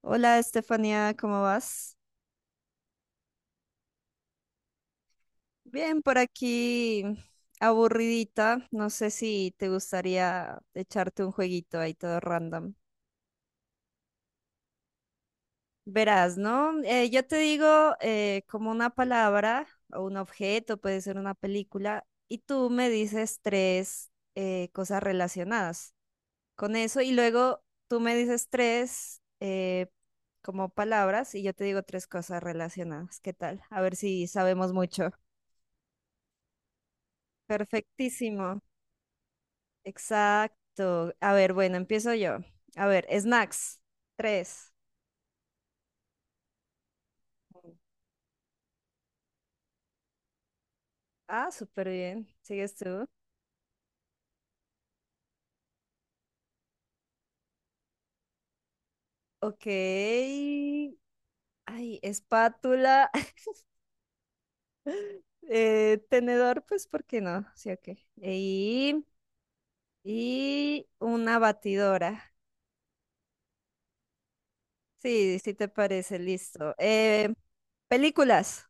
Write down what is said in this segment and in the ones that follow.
Hola Estefanía, ¿cómo vas? Bien, por aquí aburridita. No sé si te gustaría echarte un jueguito ahí todo random. Verás, ¿no? Yo te digo como una palabra o un objeto, puede ser una película, y tú me dices tres cosas relacionadas con eso y luego tú me dices tres como palabras y yo te digo tres cosas relacionadas. ¿Qué tal? A ver si sabemos mucho. Perfectísimo. Exacto. A ver, bueno, empiezo yo. A ver, snacks. Tres. Ah, súper bien. ¿Sigues tú? Ok. Ay, espátula. Tenedor, pues, ¿por qué no? Sí, ok. Y, y una batidora. Sí, sí te parece, listo. Películas.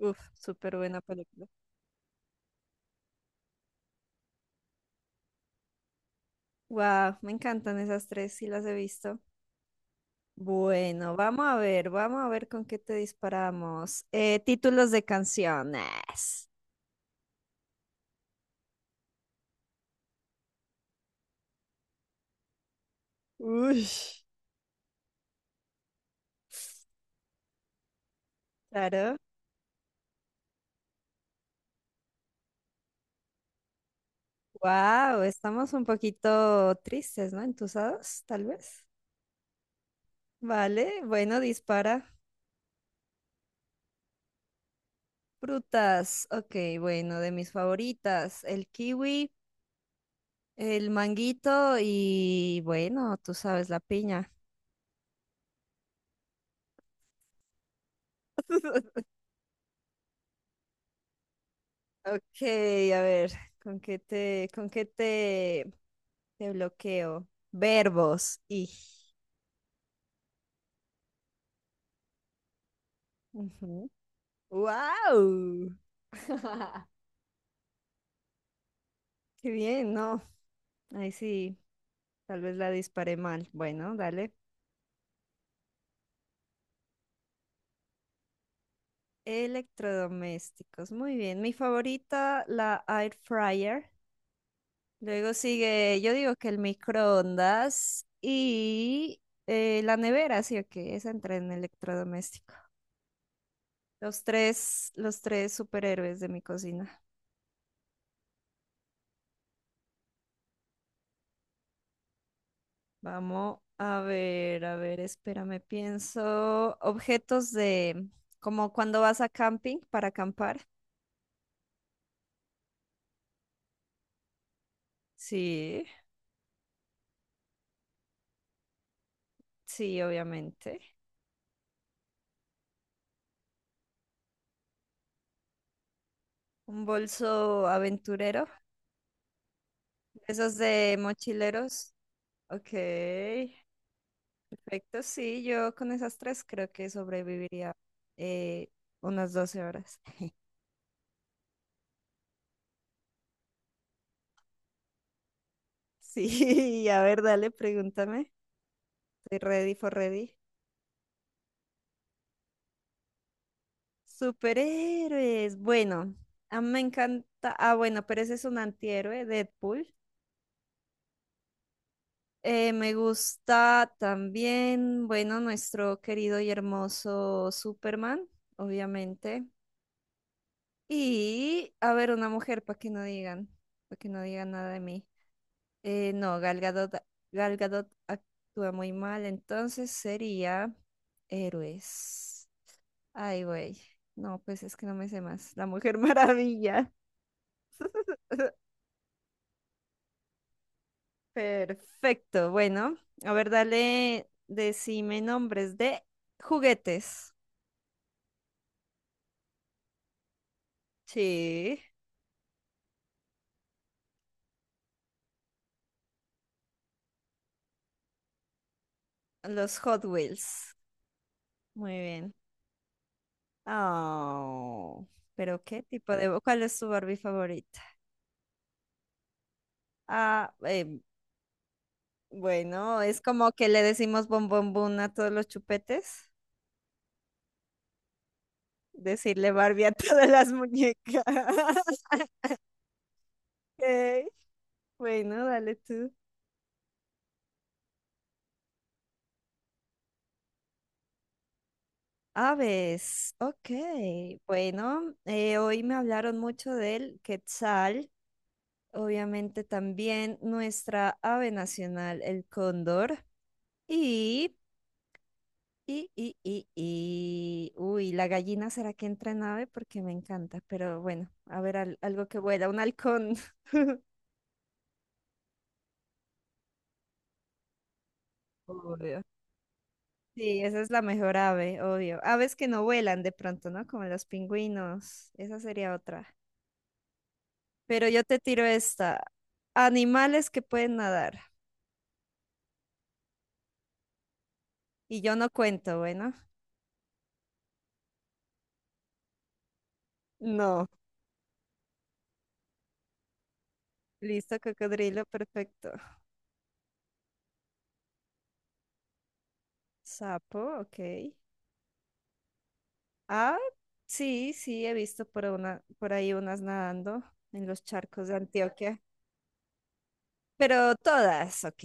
Uf, súper buena película. Wow, me encantan esas tres, sí las he visto. Bueno, vamos a ver con qué te disparamos. Títulos de canciones. Uy, claro. Wow, estamos un poquito tristes, ¿no? Entusados, tal vez. Vale, bueno, dispara. Frutas, ok, bueno, de mis favoritas, el kiwi, el manguito y bueno, tú sabes, la piña. Ok, a ver, ¿con qué te de bloqueo. Verbos. Y. Ujú. ¡Wow! Qué bien, no. Ahí sí, tal vez la disparé mal. Bueno, dale. Electrodomésticos. Muy bien. Mi favorita, la air fryer. Luego sigue, yo digo que el microondas y la nevera, sí o que esa entra en electrodoméstico. Los tres superhéroes de mi cocina. Vamos a ver, espérame, pienso. Objetos de, como cuando vas a camping para acampar. Sí, sí, obviamente. Un bolso aventurero, esos de mochileros. Ok, perfecto. Sí, yo con esas tres creo que sobreviviría eh, unas 12 horas. Sí, a ver, dale, pregúntame. Estoy ready for ready. Superhéroes. Bueno, a mí me encanta. Ah, bueno, pero ese es un antihéroe, Deadpool. Me gusta también, bueno, nuestro querido y hermoso Superman, obviamente. Y, a ver, una mujer, para que no digan nada de mí. No, Gal Gadot actúa muy mal, entonces sería héroes. Ay, güey. No, pues es que no me sé más. La Mujer Maravilla. Perfecto. Bueno, a ver, dale, decime nombres de juguetes. Sí, los Hot Wheels. Muy bien. Oh, pero ¿qué tipo de... ¿Cuál es tu Barbie favorita? Ah, bueno, es como que le decimos bom bom bum a todos los chupetes. Decirle Barbie a todas las muñecas. Ok, bueno, dale tú. Aves, ok. Bueno, hoy me hablaron mucho del quetzal, obviamente también nuestra ave nacional, el cóndor, y, uy, la gallina será que entra en ave porque me encanta, pero bueno, a ver, algo que vuela, un halcón. Obvio. Sí, esa es la mejor ave, obvio. Aves que no vuelan de pronto, ¿no? Como los pingüinos, esa sería otra. Pero yo te tiro esta. Animales que pueden nadar. Y yo no cuento, bueno. No. Listo, cocodrilo, perfecto. Sapo, ok. Ah, sí, sí, he visto por una, por ahí unas nadando en los charcos de Antioquia. Pero todas, ok.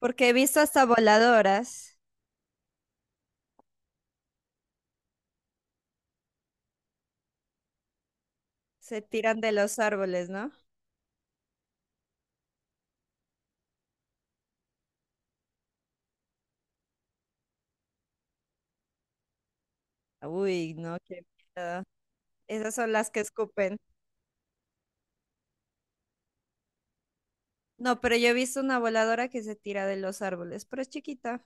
Porque he visto hasta voladoras. Se tiran de los árboles, ¿no? Uy, no, qué miedo. Esas son las que escupen. No, pero yo he visto una voladora que se tira de los árboles, pero es chiquita.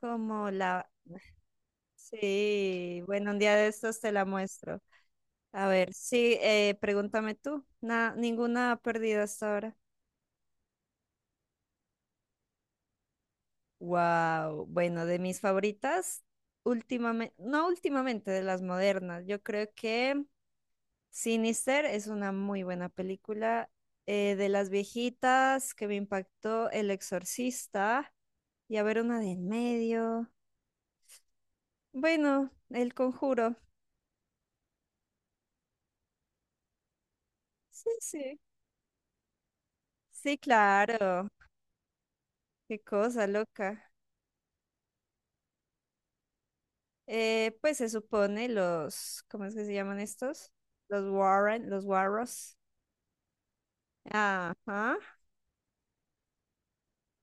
Como la... Sí, bueno, un día de estos te la muestro. A ver, sí, pregúntame tú. Ninguna perdida hasta ahora. Wow, bueno, de mis favoritas, últimamente, no últimamente, de las modernas, yo creo que Sinister es una muy buena película. De las viejitas que me impactó El Exorcista y a ver una de en medio. Bueno, El Conjuro. Sí, sí. Sí, claro. Qué cosa loca. Pues se supone los, ¿cómo es que se llaman estos? Los Warren, los Warros. Ajá.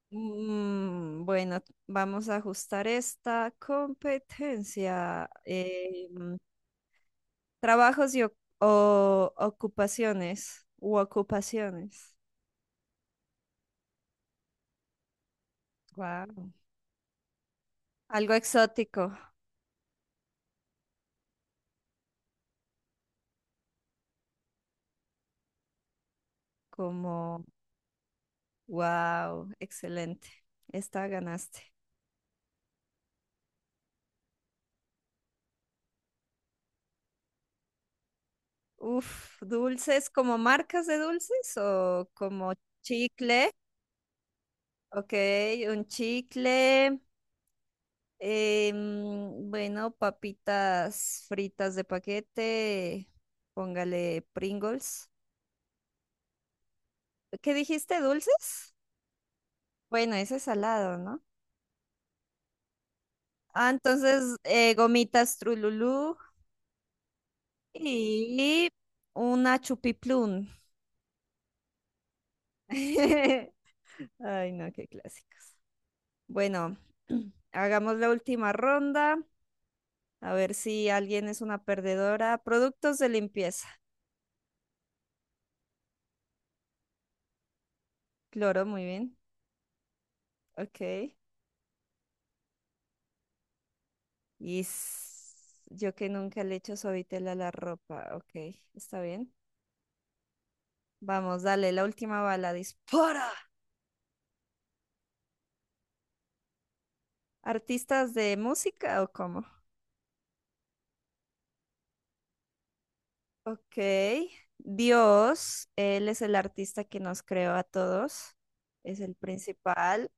Bueno, vamos a ajustar esta competencia. Trabajos ocupaciones u ocupaciones. Wow. Algo exótico, como wow, excelente. Esta ganaste. Uf, dulces, ¿como marcas de dulces o como chicles? Ok, un chicle. Bueno, papitas fritas de paquete. Póngale Pringles. ¿Qué dijiste? ¿Dulces? Bueno, ese es salado, ¿no? Ah, entonces, gomitas Trululú y una chupiplum. Ay, no, qué clásicos. Bueno, hagamos la última ronda. A ver si alguien es una perdedora. Productos de limpieza. Cloro, muy bien. Ok. Y s- yo que nunca le echo suavitel a la ropa, ok, está bien. Vamos, dale, la última bala, dispara. ¿Artistas de música o cómo? Ok, Dios, Él es el artista que nos creó a todos, es el principal,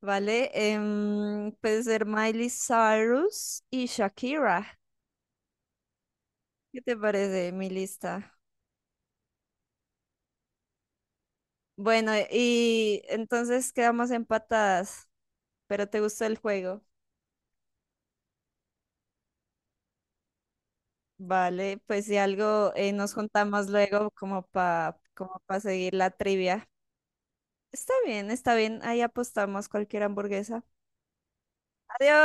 ¿vale? Puede ser Miley Cyrus y Shakira. ¿Qué te parece mi lista? Bueno, y entonces quedamos empatadas, pero ¿te gustó el juego? Vale, pues si algo nos juntamos luego como para como pa seguir la trivia. Está bien, ahí apostamos cualquier hamburguesa. Adiós.